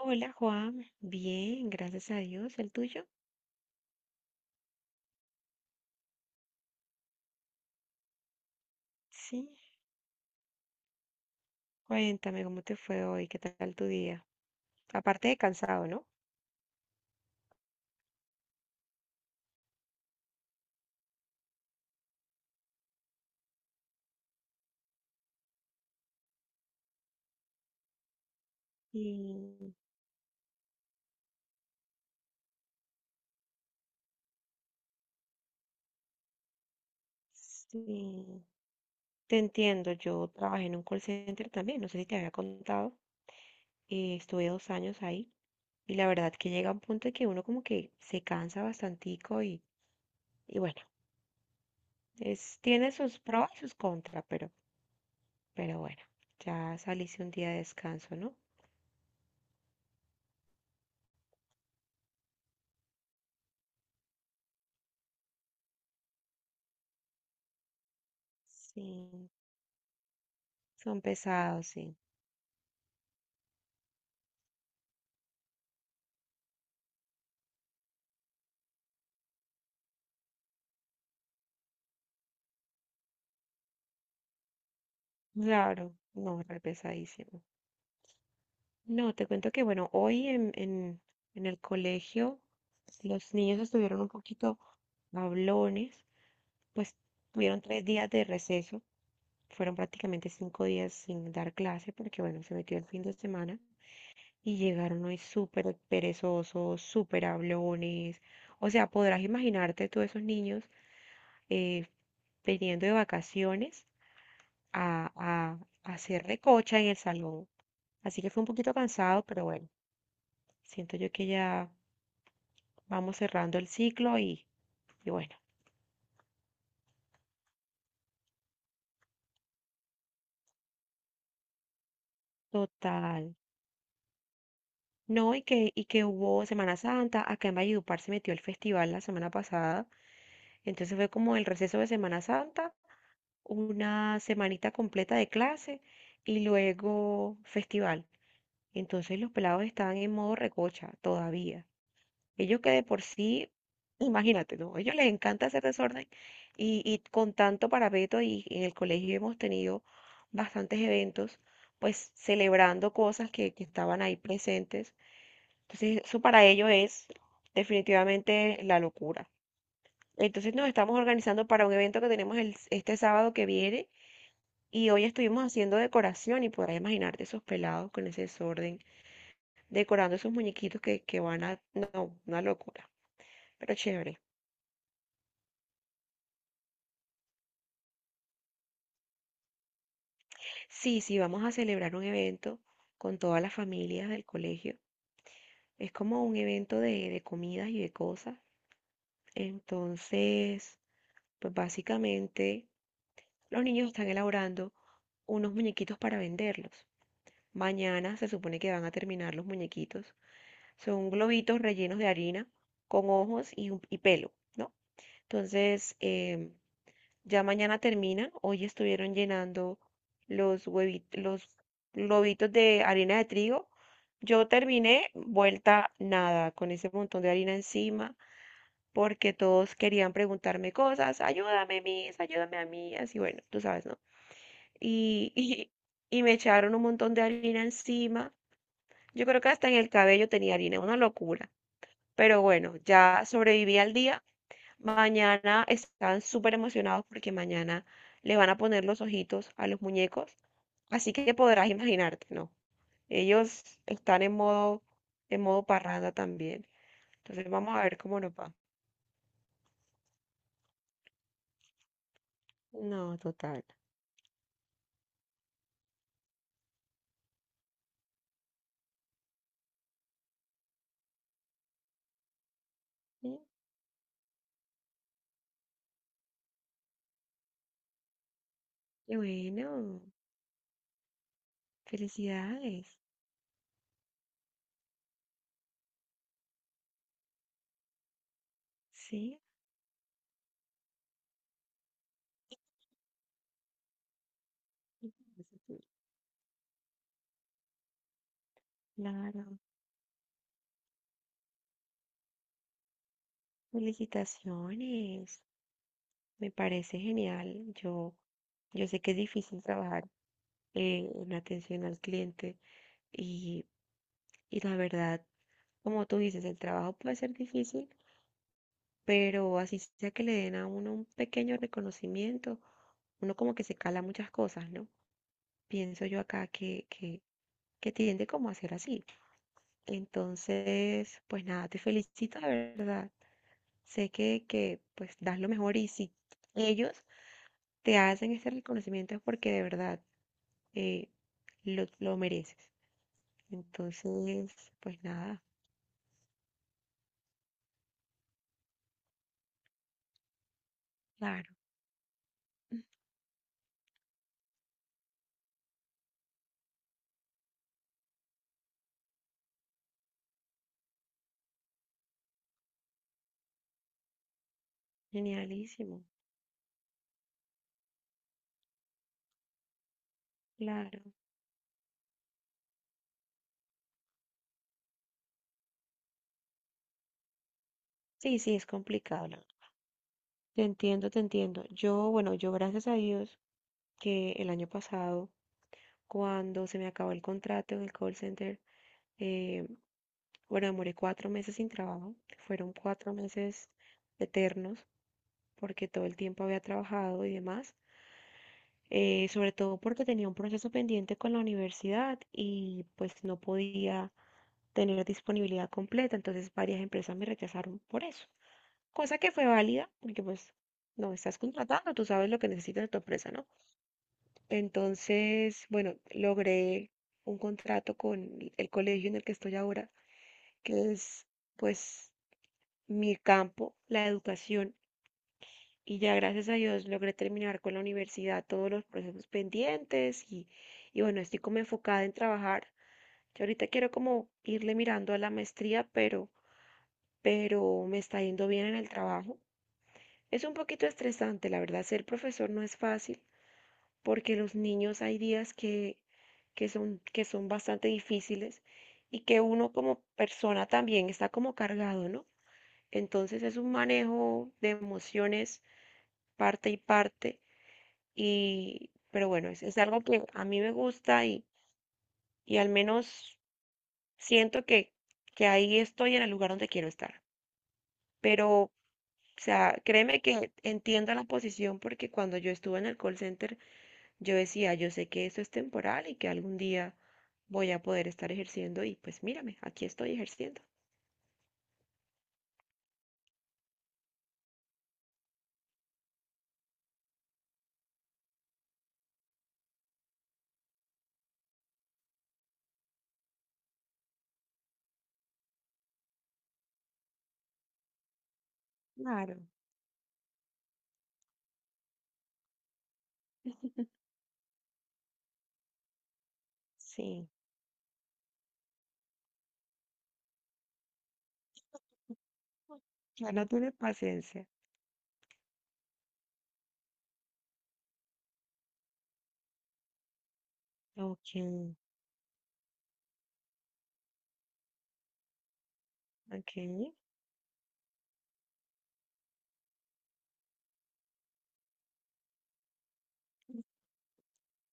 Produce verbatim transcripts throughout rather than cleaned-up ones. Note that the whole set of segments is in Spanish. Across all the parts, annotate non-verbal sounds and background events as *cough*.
Hola Juan, bien, gracias a Dios. ¿El tuyo? Sí, cuéntame cómo te fue hoy, qué tal tu día. Aparte de cansado, ¿no? Sí, sí, te entiendo. Yo trabajé en un call center también, no sé si te había contado. Eh, estuve dos años ahí y la verdad que llega un punto en que uno como que se cansa bastantico y, y bueno, es, tiene sus pros y sus contras, pero, pero bueno, ya saliste un día de descanso, ¿no? Sí, son pesados, sí. Claro, no, re pesadísimo. No, te cuento que, bueno, hoy en, en, en el colegio los niños estuvieron un poquito hablones, pues tuvieron tres días de receso, fueron prácticamente cinco días sin dar clase porque, bueno, se metió el fin de semana. Y llegaron hoy súper perezosos, súper hablones. O sea, podrás imaginarte tú esos niños eh, viniendo de vacaciones a, a, a hacer recocha en el salón. Así que fue un poquito cansado, pero bueno, siento yo que ya vamos cerrando el ciclo y, y bueno, total. No, y que, y que hubo Semana Santa, acá en Valledupar se metió el festival la semana pasada, entonces fue como el receso de Semana Santa, una semanita completa de clase y luego festival. Entonces los pelados estaban en modo recocha todavía. Ellos que de por sí, imagínate, ¿no? A ellos les encanta hacer desorden y, y con tanto parapeto y en el colegio hemos tenido bastantes eventos, pues celebrando cosas que, que estaban ahí presentes. Entonces eso para ellos es definitivamente la locura. Entonces nos estamos organizando para un evento que tenemos el- este sábado que viene, y hoy estuvimos haciendo decoración y podrás imaginarte esos pelados con ese desorden, decorando esos muñequitos que, que van a. No, una locura, pero chévere. Sí, sí, vamos a celebrar un evento con todas las familias del colegio. Es como un evento de, de comidas y de cosas. Entonces, pues básicamente los niños están elaborando unos muñequitos para venderlos. Mañana se supone que van a terminar los muñequitos. Son globitos rellenos de harina con ojos y, un- y pelo, ¿no? Entonces, em, ya mañana termina. Hoy estuvieron llenando los huevitos, los globitos de harina de trigo. Yo terminé vuelta nada, con ese montón de harina encima, porque todos querían preguntarme cosas. Ayúdame, Miss, ayúdame a mí. Así, bueno, tú sabes, ¿no? Y, *laughs* y, y me echaron un montón de harina encima. Yo creo que hasta en el cabello tenía harina, una locura. Pero bueno, ya sobreviví al día. Mañana están súper emocionados porque mañana le van a poner los ojitos a los muñecos, así que podrás imaginarte, ¿no? Ellos están en modo, en modo parranda también. Entonces vamos a ver cómo nos va. No, total. Sí, y bueno, felicidades. Sí, claro. Felicitaciones. Me parece genial. Yo, yo sé que es difícil trabajar eh, en atención al cliente. Y, y la verdad, como tú dices, el trabajo puede ser difícil, pero así sea que le den a uno un pequeño reconocimiento, uno como que se cala muchas cosas, ¿no? Pienso yo acá que, que, que tiende como a ser así. Entonces, pues nada, te felicito de verdad. Sé que, que pues das lo mejor, y si ellos te hacen este reconocimiento es porque de verdad eh, lo, lo mereces. Entonces, pues nada, claro, genialísimo. Claro, sí, sí, es complicado, la verdad. Te entiendo, te entiendo. Yo, bueno, yo gracias a Dios que el año pasado, cuando se me acabó el contrato en el call center, eh, bueno, demoré cuatro meses sin trabajo. Fueron cuatro meses eternos porque todo el tiempo había trabajado y demás. Eh, sobre todo porque tenía un proceso pendiente con la universidad y pues no podía tener disponibilidad completa. Entonces varias empresas me rechazaron por eso, cosa que fue válida, porque pues no estás contratando, tú sabes lo que necesita de tu empresa, ¿no? Entonces, bueno, logré un contrato con el colegio en el que estoy ahora, que es pues mi campo, la educación, y ya gracias a Dios logré terminar con la universidad todos los procesos pendientes y, y bueno, estoy como enfocada en trabajar. Yo ahorita quiero como irle mirando a la maestría, pero, pero me está yendo bien en el trabajo. Es un poquito estresante, la verdad, ser profesor no es fácil porque los niños hay días que, que son, que son bastante difíciles y que uno como persona también está como cargado, ¿no? Entonces es un manejo de emociones parte y parte y, pero bueno, es, es algo que a mí me gusta y, y al menos siento que, que ahí estoy en el lugar donde quiero estar. Pero, o sea, créeme que entiendo la posición porque cuando yo estuve en el call center, yo decía, yo sé que esto es temporal y que algún día voy a poder estar ejerciendo y pues mírame, aquí estoy ejerciendo. Claro, sí. Ya no tiene paciencia. Ok. Ok.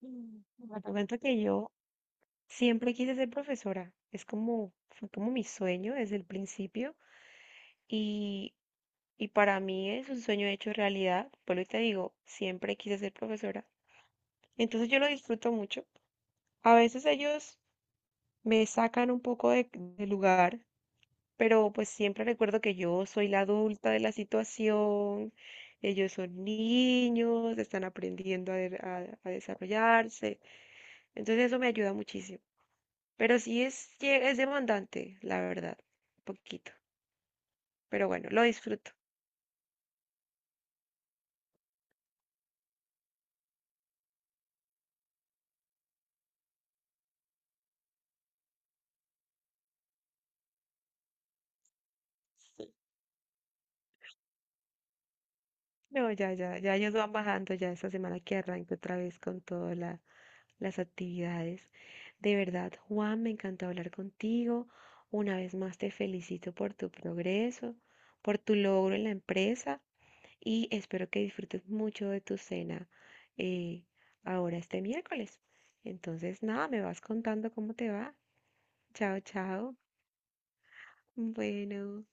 Mm, Bueno, te cuento que yo siempre quise ser profesora. Es como, fue como mi sueño desde el principio. Y, y para mí es un sueño hecho realidad. Por lo que te digo, siempre quise ser profesora. Entonces yo lo disfruto mucho. A veces ellos me sacan un poco de, de lugar, pero pues siempre recuerdo que yo soy la adulta de la situación, ellos son niños, están aprendiendo a, de- a- a desarrollarse, entonces eso me ayuda muchísimo. Pero sí es, lle- es demandante, la verdad, un poquito, pero bueno, lo disfruto. Sí. No, ya, ya, ya ellos van bajando ya esta semana que arranco otra vez con toda la, las actividades. De verdad, Juan, me encantó hablar contigo. Una vez más te felicito por tu progreso, por tu logro en la empresa y espero que disfrutes mucho de tu cena eh, ahora este miércoles. Entonces, nada, me vas contando cómo te va. Chao, chao. Bueno.